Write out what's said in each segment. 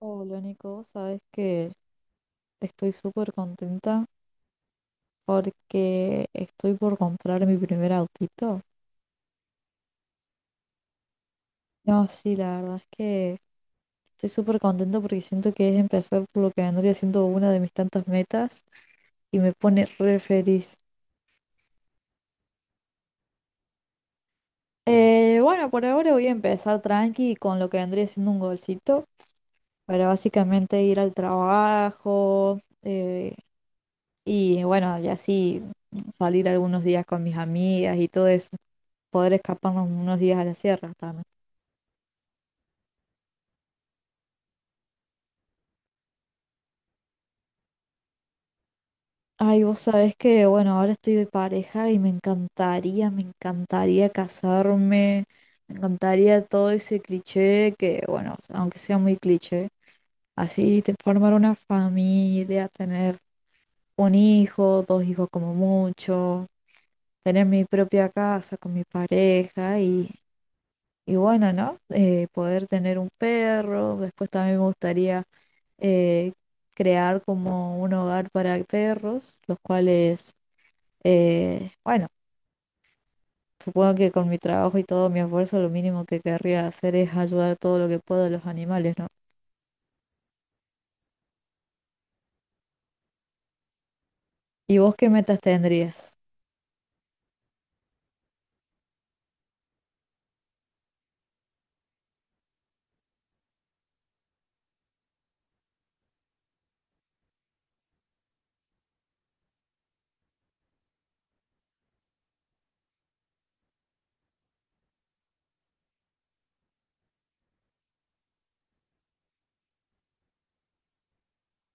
Hola Nico, sabes que estoy súper contenta porque estoy por comprar mi primer autito. No, sí, la verdad es que estoy súper contenta porque siento que es empezar por lo que vendría siendo una de mis tantas metas y me pone re feliz. Bueno, por ahora voy a empezar tranqui con lo que vendría siendo un golcito para básicamente ir al trabajo. Y bueno, y así salir algunos días con mis amigas y todo eso. Poder escaparnos unos días a la sierra también. Ay, vos sabés que, bueno, ahora estoy de pareja y me encantaría casarme, me encantaría todo ese cliché que, bueno, aunque sea muy cliché, así te formar una familia, tener un hijo, dos hijos como mucho, tener mi propia casa con mi pareja y bueno, ¿no? Poder tener un perro, después también me gustaría eh, crear como un hogar para perros, los bueno, supongo que con mi trabajo y todo mi esfuerzo lo mínimo que querría hacer es ayudar todo lo que puedo a los animales, ¿no? ¿Y vos qué metas tendrías?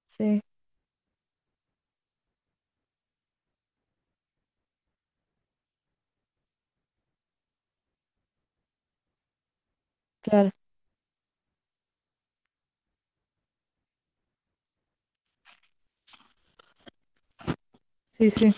Sí, claro, sí, sí,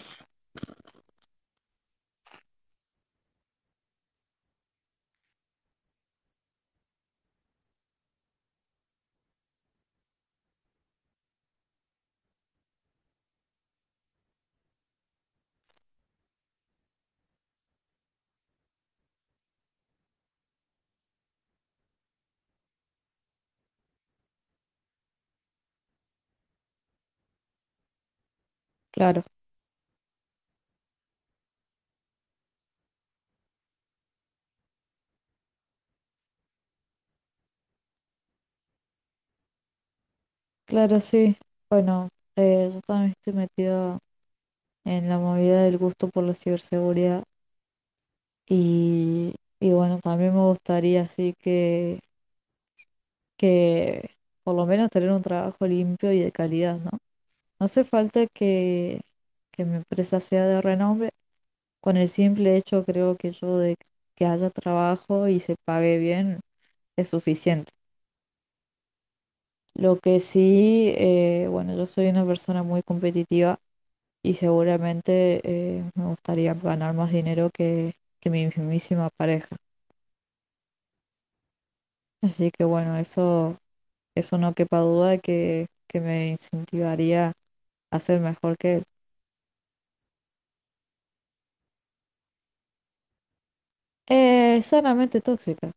claro, claro, sí. Bueno, yo también estoy metido en la movida del gusto por la ciberseguridad. Y, y bueno, también me gustaría así que por lo menos tener un trabajo limpio y de calidad, ¿no? No hace falta que mi empresa sea de renombre, con el simple hecho creo que yo de que haya trabajo y se pague bien es suficiente. Lo que sí, bueno, yo soy una persona muy competitiva y seguramente me gustaría ganar más dinero que mi mismísima pareja. Así que bueno, eso no quepa duda que me incentivaría a ser mejor que él. Sanamente tóxica,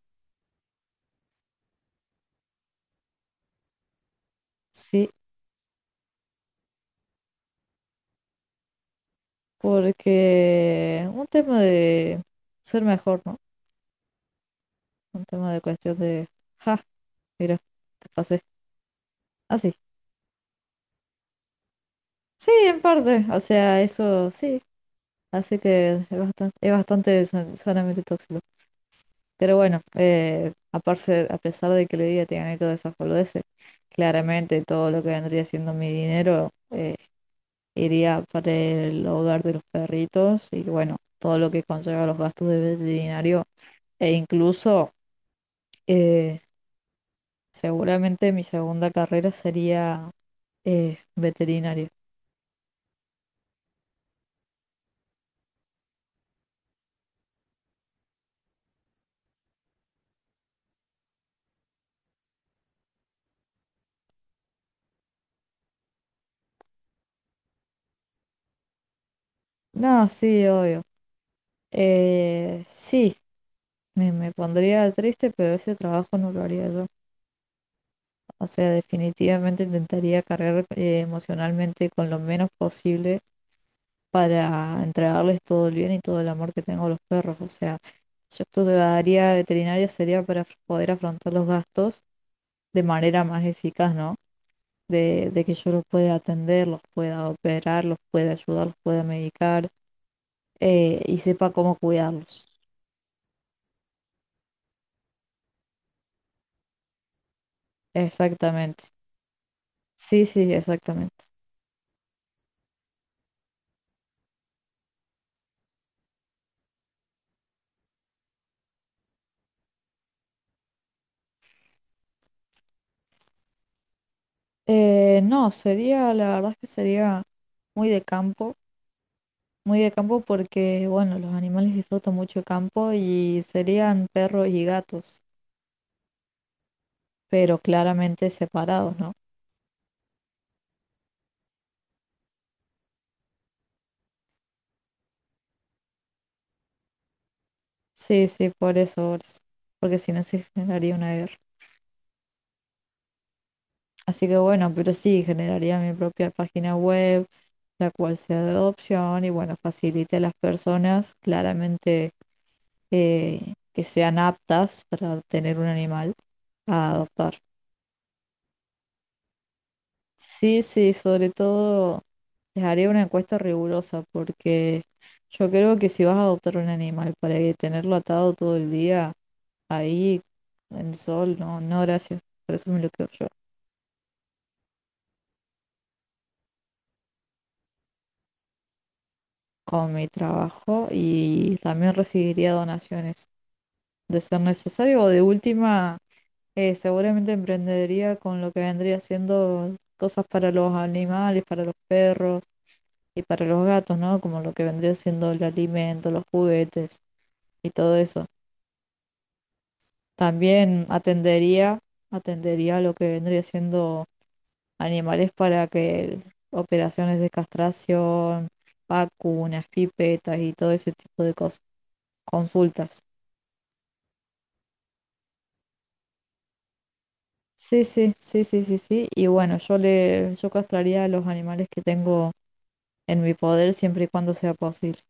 sí, porque un tema de ser mejor, ¿no? Un tema de cuestión ja, mira, te pasé. Así. Sí, en parte, o sea, eso sí, así que es bastante sanamente tóxico. Pero bueno, aparte, a pesar de que le diga te gané todas esas boludeces, claramente todo lo que vendría siendo mi dinero iría para el hogar de los perritos y bueno, todo lo que conlleva los gastos de veterinario e incluso eh, seguramente mi segunda carrera sería veterinario. No, sí, obvio. Sí, me pondría triste, pero ese trabajo no lo haría yo. O sea, definitivamente intentaría cargar emocionalmente con lo menos posible para entregarles todo el bien y todo el amor que tengo a los perros. O sea, yo estudiaría veterinaria sería para poder afrontar los gastos de manera más eficaz, ¿no? De que yo los pueda atender, los pueda operar, los pueda ayudar, los pueda medicar y sepa cómo cuidarlos. Exactamente. Sí, sí, exactamente. No, sería, la verdad es que sería muy de campo, muy de campo porque, bueno, los animales disfrutan mucho el campo y serían perros y gatos, pero claramente separados, ¿no? Sí, sí, por eso, porque si no se generaría una guerra. Así que bueno, pero sí, generaría mi propia página web, la cual sea de adopción y bueno, facilite a las personas claramente que sean aptas para tener un animal a adoptar. Sí, sí, sobre todo les haría una encuesta rigurosa porque yo creo que si vas a adoptar un animal para que tenerlo atado todo el día ahí en el sol, no, no, gracias. Por eso me lo quedo yo con mi trabajo y también recibiría donaciones de ser necesario o de última, seguramente emprendería con lo que vendría siendo cosas para los animales, para los perros y para los gatos, ¿no? Como lo que vendría siendo el alimento, los juguetes y todo eso. También atendería lo que vendría siendo animales para que operaciones de castración, vacunas, pipetas y todo ese tipo de cosas, consultas. Sí, sí, sí, sí, sí, sí. Y bueno, yo castraría a los animales que tengo en mi poder siempre y cuando sea posible.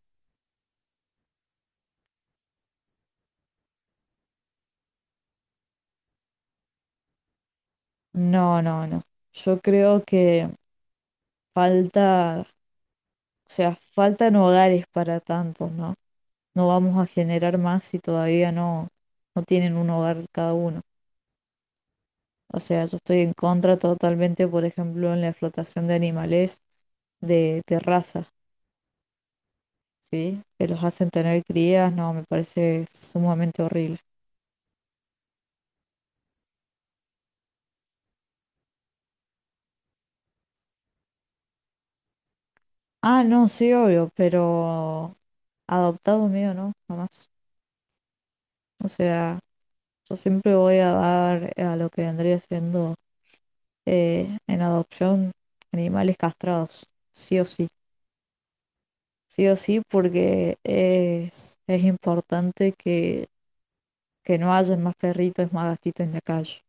No, no, no. Yo creo que falta, o sea, faltan hogares para tantos, ¿no? No vamos a generar más si todavía no, no tienen un hogar cada uno. O sea, yo estoy en contra totalmente, por ejemplo, en la explotación de animales de raza, ¿sí? Que los hacen tener crías, no, me parece sumamente horrible. Ah, no, sí, obvio, pero adoptado mío, no, jamás. O sea, yo siempre voy a dar a lo que vendría siendo en adopción animales castrados, sí o sí. Sí o sí, porque es importante que no hayan más perritos, más gatitos en la calle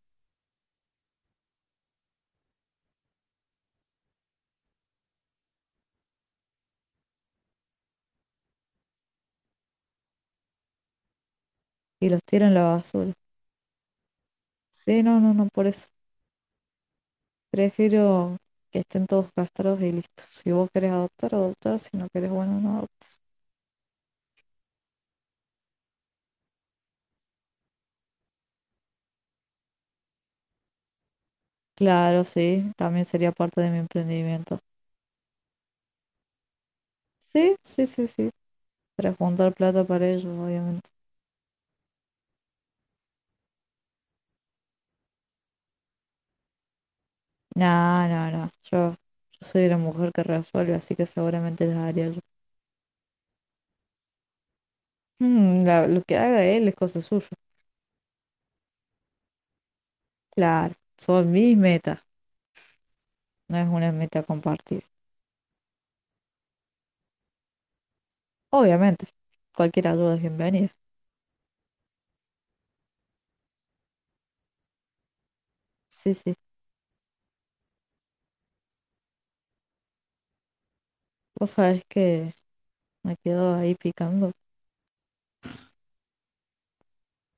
y los tiran a la basura. Sí, no, no, no, por eso. Prefiero que estén todos castrados y listos. Si vos querés adoptar, adoptar. Si no querés, bueno, no adoptar. Claro, sí, también sería parte de mi emprendimiento. Sí, sí, sí, sí. Para juntar plata para ellos, obviamente. No, no, no. Yo soy la mujer que resuelve, así que seguramente les haría yo. Mm, lo que haga él es cosa suya. Claro, son mis metas, no es una meta compartida. Obviamente, cualquier ayuda es bienvenida. Sí, sí. Vos sabés que me quedo ahí picando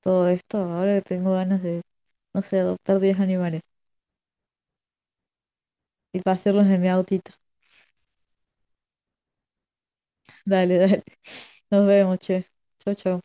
todo esto. Ahora que tengo ganas de, no sé, adoptar 10 animales y pasearlos en mi autito. Dale, dale. Nos vemos, che. Chau, chau.